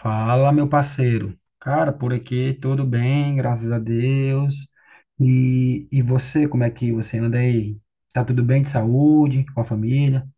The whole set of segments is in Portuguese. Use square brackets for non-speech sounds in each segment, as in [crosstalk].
Fala, meu parceiro. Cara, por aqui tudo bem, graças a Deus. E você, como é que você anda aí? Tá tudo bem de saúde, com a família?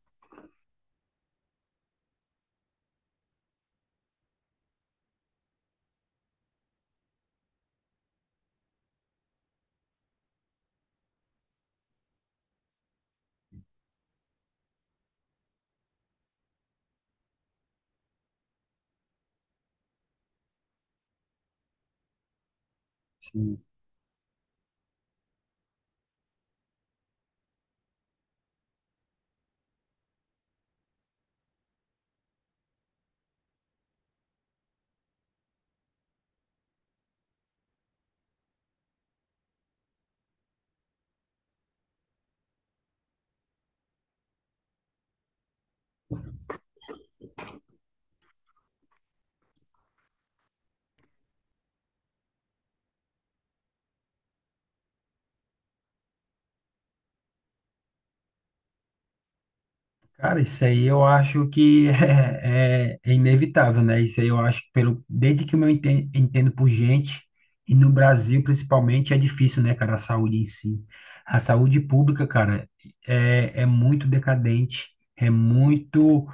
Cara, isso aí eu acho que [laughs] é inevitável, né? Isso aí eu acho que pelo, desde que eu me entendo por gente, e no Brasil principalmente é difícil, né, cara, a saúde em si. A saúde pública, cara, é muito decadente, é muito,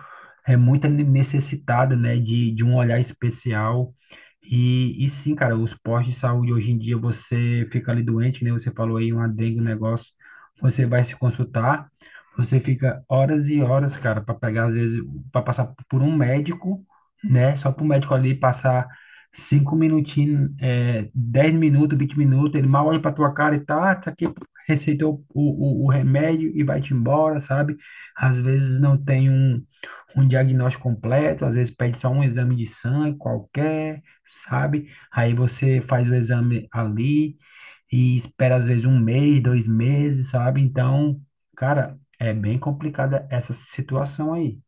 é muito necessitada, né, de um olhar especial. E sim, cara, os postos de saúde hoje em dia, você fica ali doente, né? Você falou aí uma dengue, um negócio, você vai se consultar. Você fica horas e horas, cara, para pegar, às vezes, para passar por um médico, né? Só para o médico ali passar cinco minutinhos, 10 minutos, 20 minutos, ele mal olha para tua cara e tá, ah, tá aqui, receitou o remédio e vai-te embora, sabe? Às vezes não tem um, um diagnóstico completo, às vezes pede só um exame de sangue qualquer, sabe? Aí você faz o exame ali e espera, às vezes, um mês, dois meses, sabe? Então. Cara, é bem complicada essa situação aí.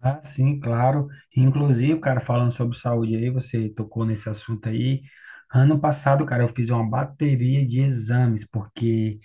Ah, sim, claro. Inclusive, cara, falando sobre saúde aí, você tocou nesse assunto aí. Ano passado, cara, eu fiz uma bateria de exames, porque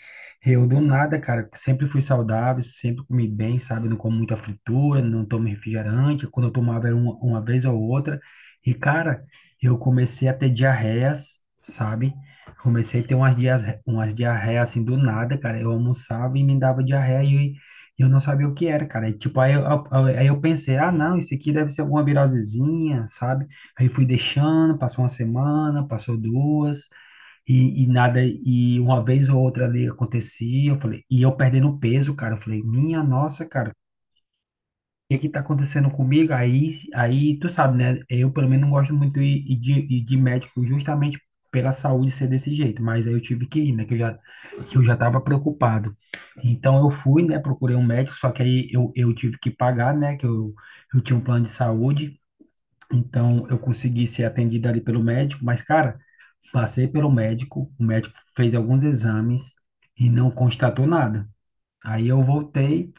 eu do nada, cara, sempre fui saudável, sempre comi bem, sabe? Não como muita fritura, não tomo refrigerante. Quando eu tomava era uma vez ou outra. E, cara, eu comecei a ter diarreias, sabe? Comecei a ter umas diarreias assim do nada, cara. Eu almoçava e me dava diarreia. E eu não sabia o que era, cara. E, tipo, aí eu pensei, ah, não, isso aqui deve ser alguma virosezinha, sabe? Aí fui deixando, passou uma semana, passou duas, e nada, e uma vez ou outra ali acontecia, eu falei, e eu perdendo peso, cara. Eu falei, minha nossa, cara, que tá acontecendo comigo? Aí, aí tu sabe, né? Eu pelo menos não gosto muito de de médico justamente pela saúde ser desse jeito, mas aí eu tive que ir, né? Que eu já tava preocupado. Então eu fui, né? Procurei um médico, só que aí eu tive que pagar, né? Eu tinha um plano de saúde. Então eu consegui ser atendido ali pelo médico, mas cara, passei pelo médico, o médico fez alguns exames e não constatou nada. Aí eu voltei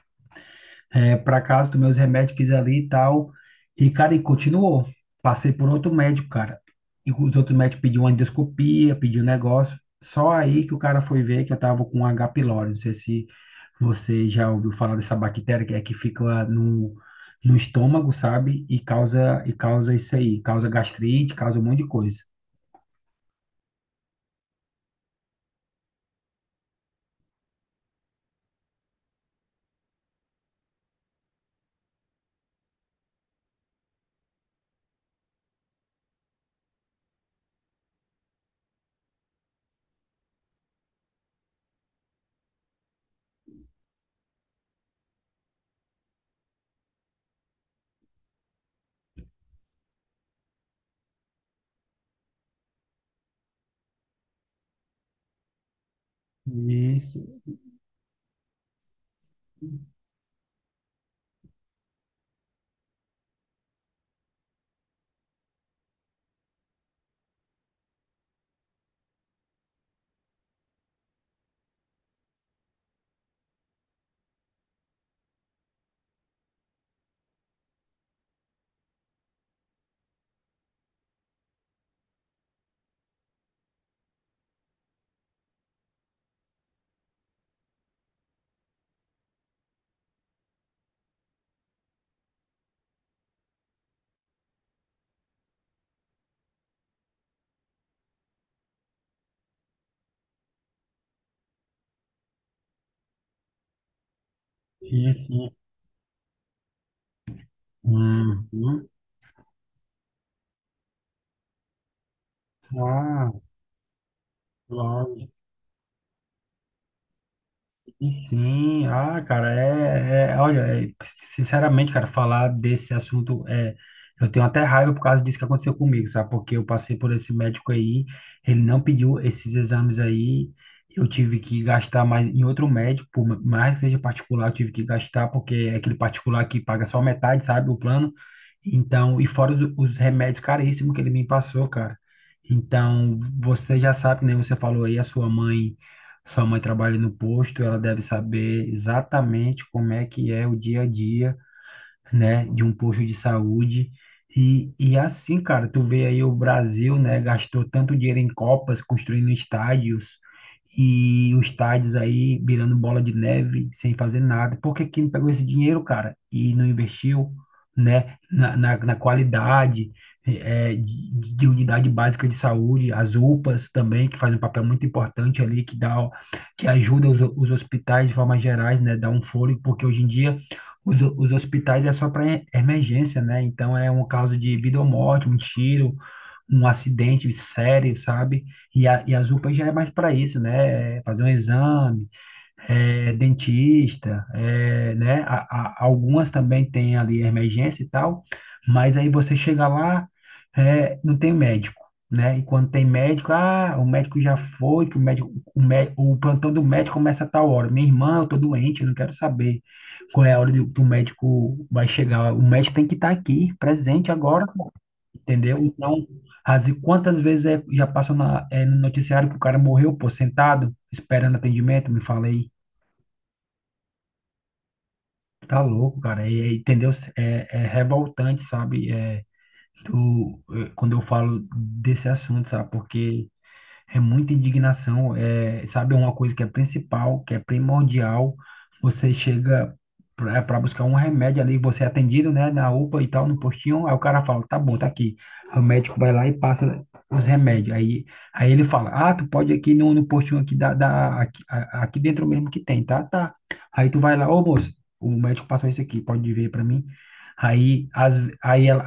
para casa, tomei os remédios, fiz ali e tal. E, cara, e continuou. Passei por outro médico, cara. E os outros médicos pediam uma endoscopia, pediu um negócio. Só aí que o cara foi ver que eu tava com H. pylori. Não sei se você já ouviu falar dessa bactéria que é que fica no estômago, sabe? E causa isso aí. Causa gastrite, causa um monte de coisa. Isso, sim, sim. Uhum. Ah, claro. Sim, ah, cara, olha, é, sinceramente, cara, falar desse assunto é, eu tenho até raiva por causa disso que aconteceu comigo, sabe? Porque eu passei por esse médico aí, ele não pediu esses exames aí, eu tive que gastar mais em outro médico, por mais que seja particular, eu tive que gastar porque é aquele particular que paga só metade, sabe, o plano. Então, e fora os remédios caríssimos que ele me passou, cara. Então, você já sabe, né? Você falou aí a sua mãe, sua mãe trabalha no posto, ela deve saber exatamente como é que é o dia a dia, né, de um posto de saúde. E assim, cara, tu vê aí o Brasil, né, gastou tanto dinheiro em Copas, construindo estádios, e os estádios aí virando bola de neve, sem fazer nada. Por que que não pegou esse dinheiro, cara, e não investiu, né, na qualidade de unidade básica de saúde, as UPAs também, que fazem um papel muito importante ali, que ajuda os hospitais de forma gerais, né, dá um fôlego, porque hoje em dia os hospitais é só para emergência, né? Então é um caso de vida ou morte, um tiro, um acidente sério, sabe? E, a, e as UPAs já é mais para isso, né? É fazer um exame, é, dentista, é, né? Algumas também têm ali emergência e tal, mas aí você chega lá, é, não tem médico, né? E quando tem médico, ah, o médico já foi, que o médico, o plantão do médico começa a tal hora. Minha irmã, eu tô doente, eu não quero saber qual é a hora que o médico vai chegar. O médico tem que estar aqui, presente agora, entendeu? Então, e quantas vezes já passou na, é, no noticiário que o cara morreu, pô, sentado, esperando atendimento, me falei. Tá louco, cara. Entendeu? É, é revoltante, sabe? É, quando eu falo desse assunto, sabe? Porque é muita indignação, é, sabe? É uma coisa que é principal, que é primordial. Você chega para buscar um remédio ali, você é atendido, né, na UPA e tal, no postinho. Aí o cara fala: tá bom, tá aqui. Aí o médico vai lá e passa os remédios. Aí ele fala: ah, tu pode ir aqui no postinho aqui, aqui, aqui dentro mesmo que tem, tá? Tá. Aí tu vai lá: ô moço, o médico passou isso aqui, pode ver para mim. Aí, as, aí ela,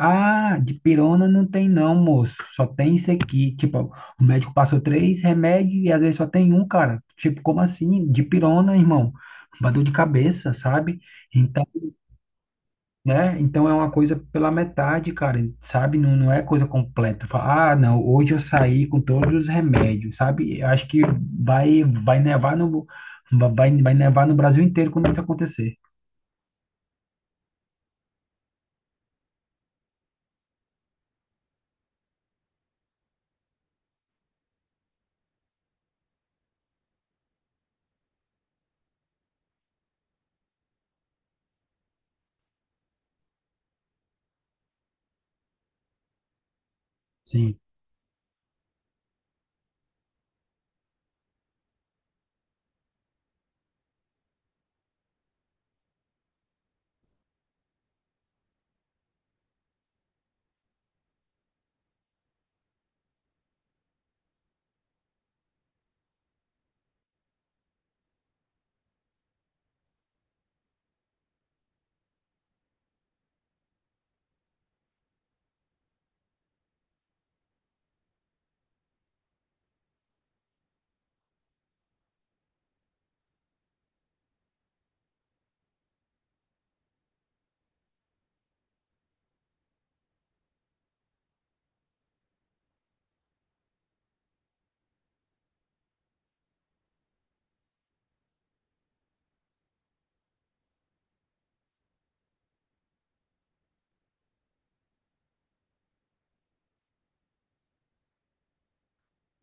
ah, de pirona não tem não, moço, só tem isso aqui. Tipo, o médico passou três remédios e às vezes só tem um, cara. Tipo, como assim? Dipirona, irmão. Uma dor de cabeça, sabe? Então, né? Então é uma coisa pela metade, cara, sabe? Não, não é coisa completa. Fala, ah, não, hoje eu saí com todos os remédios, sabe? Eu acho que vai nevar no, vai nevar no Brasil inteiro quando isso acontecer. Sim.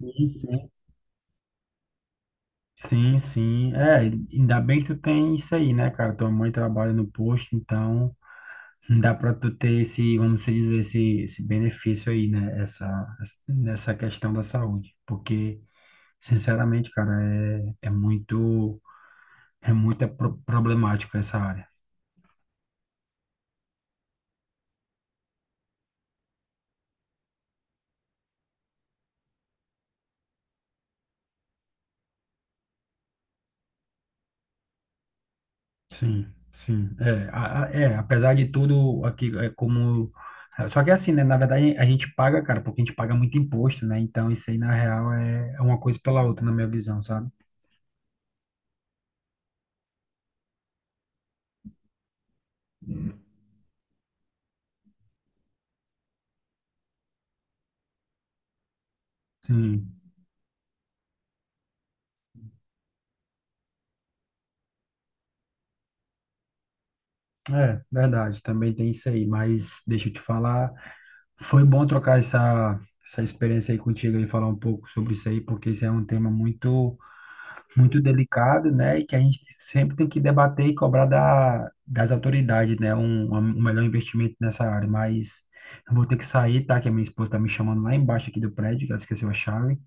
Sim, sim, sim, sim. É, ainda bem que tu tem isso aí, né, cara? Tua mãe trabalha no posto, então. Dá para tu ter esse, vamos dizer, esse benefício aí, né? Essa, nessa questão da saúde. Porque, sinceramente, cara, é muito problemático essa área. Sim, sim. É, é, apesar de tudo, aqui é como. Só que assim, né? Na verdade, a gente paga, cara, porque a gente paga muito imposto, né? Então, isso aí, na real, é uma coisa pela outra, na minha visão, sabe? Sim, é verdade, também tem isso aí, mas deixa eu te falar. Foi bom trocar essa, essa experiência aí contigo e falar um pouco sobre isso aí, porque isso é um tema muito, muito delicado, né? E que a gente sempre tem que debater e cobrar da, das autoridades, né? Um melhor investimento nessa área. Mas eu vou ter que sair, tá? Que a minha esposa tá me chamando lá embaixo aqui do prédio, que ela esqueceu a chave,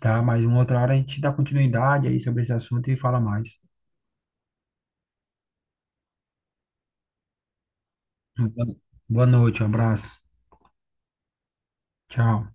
tá? Mas uma outra hora a gente dá continuidade aí sobre esse assunto e fala mais. Boa Boa noite, um abraço. Tchau.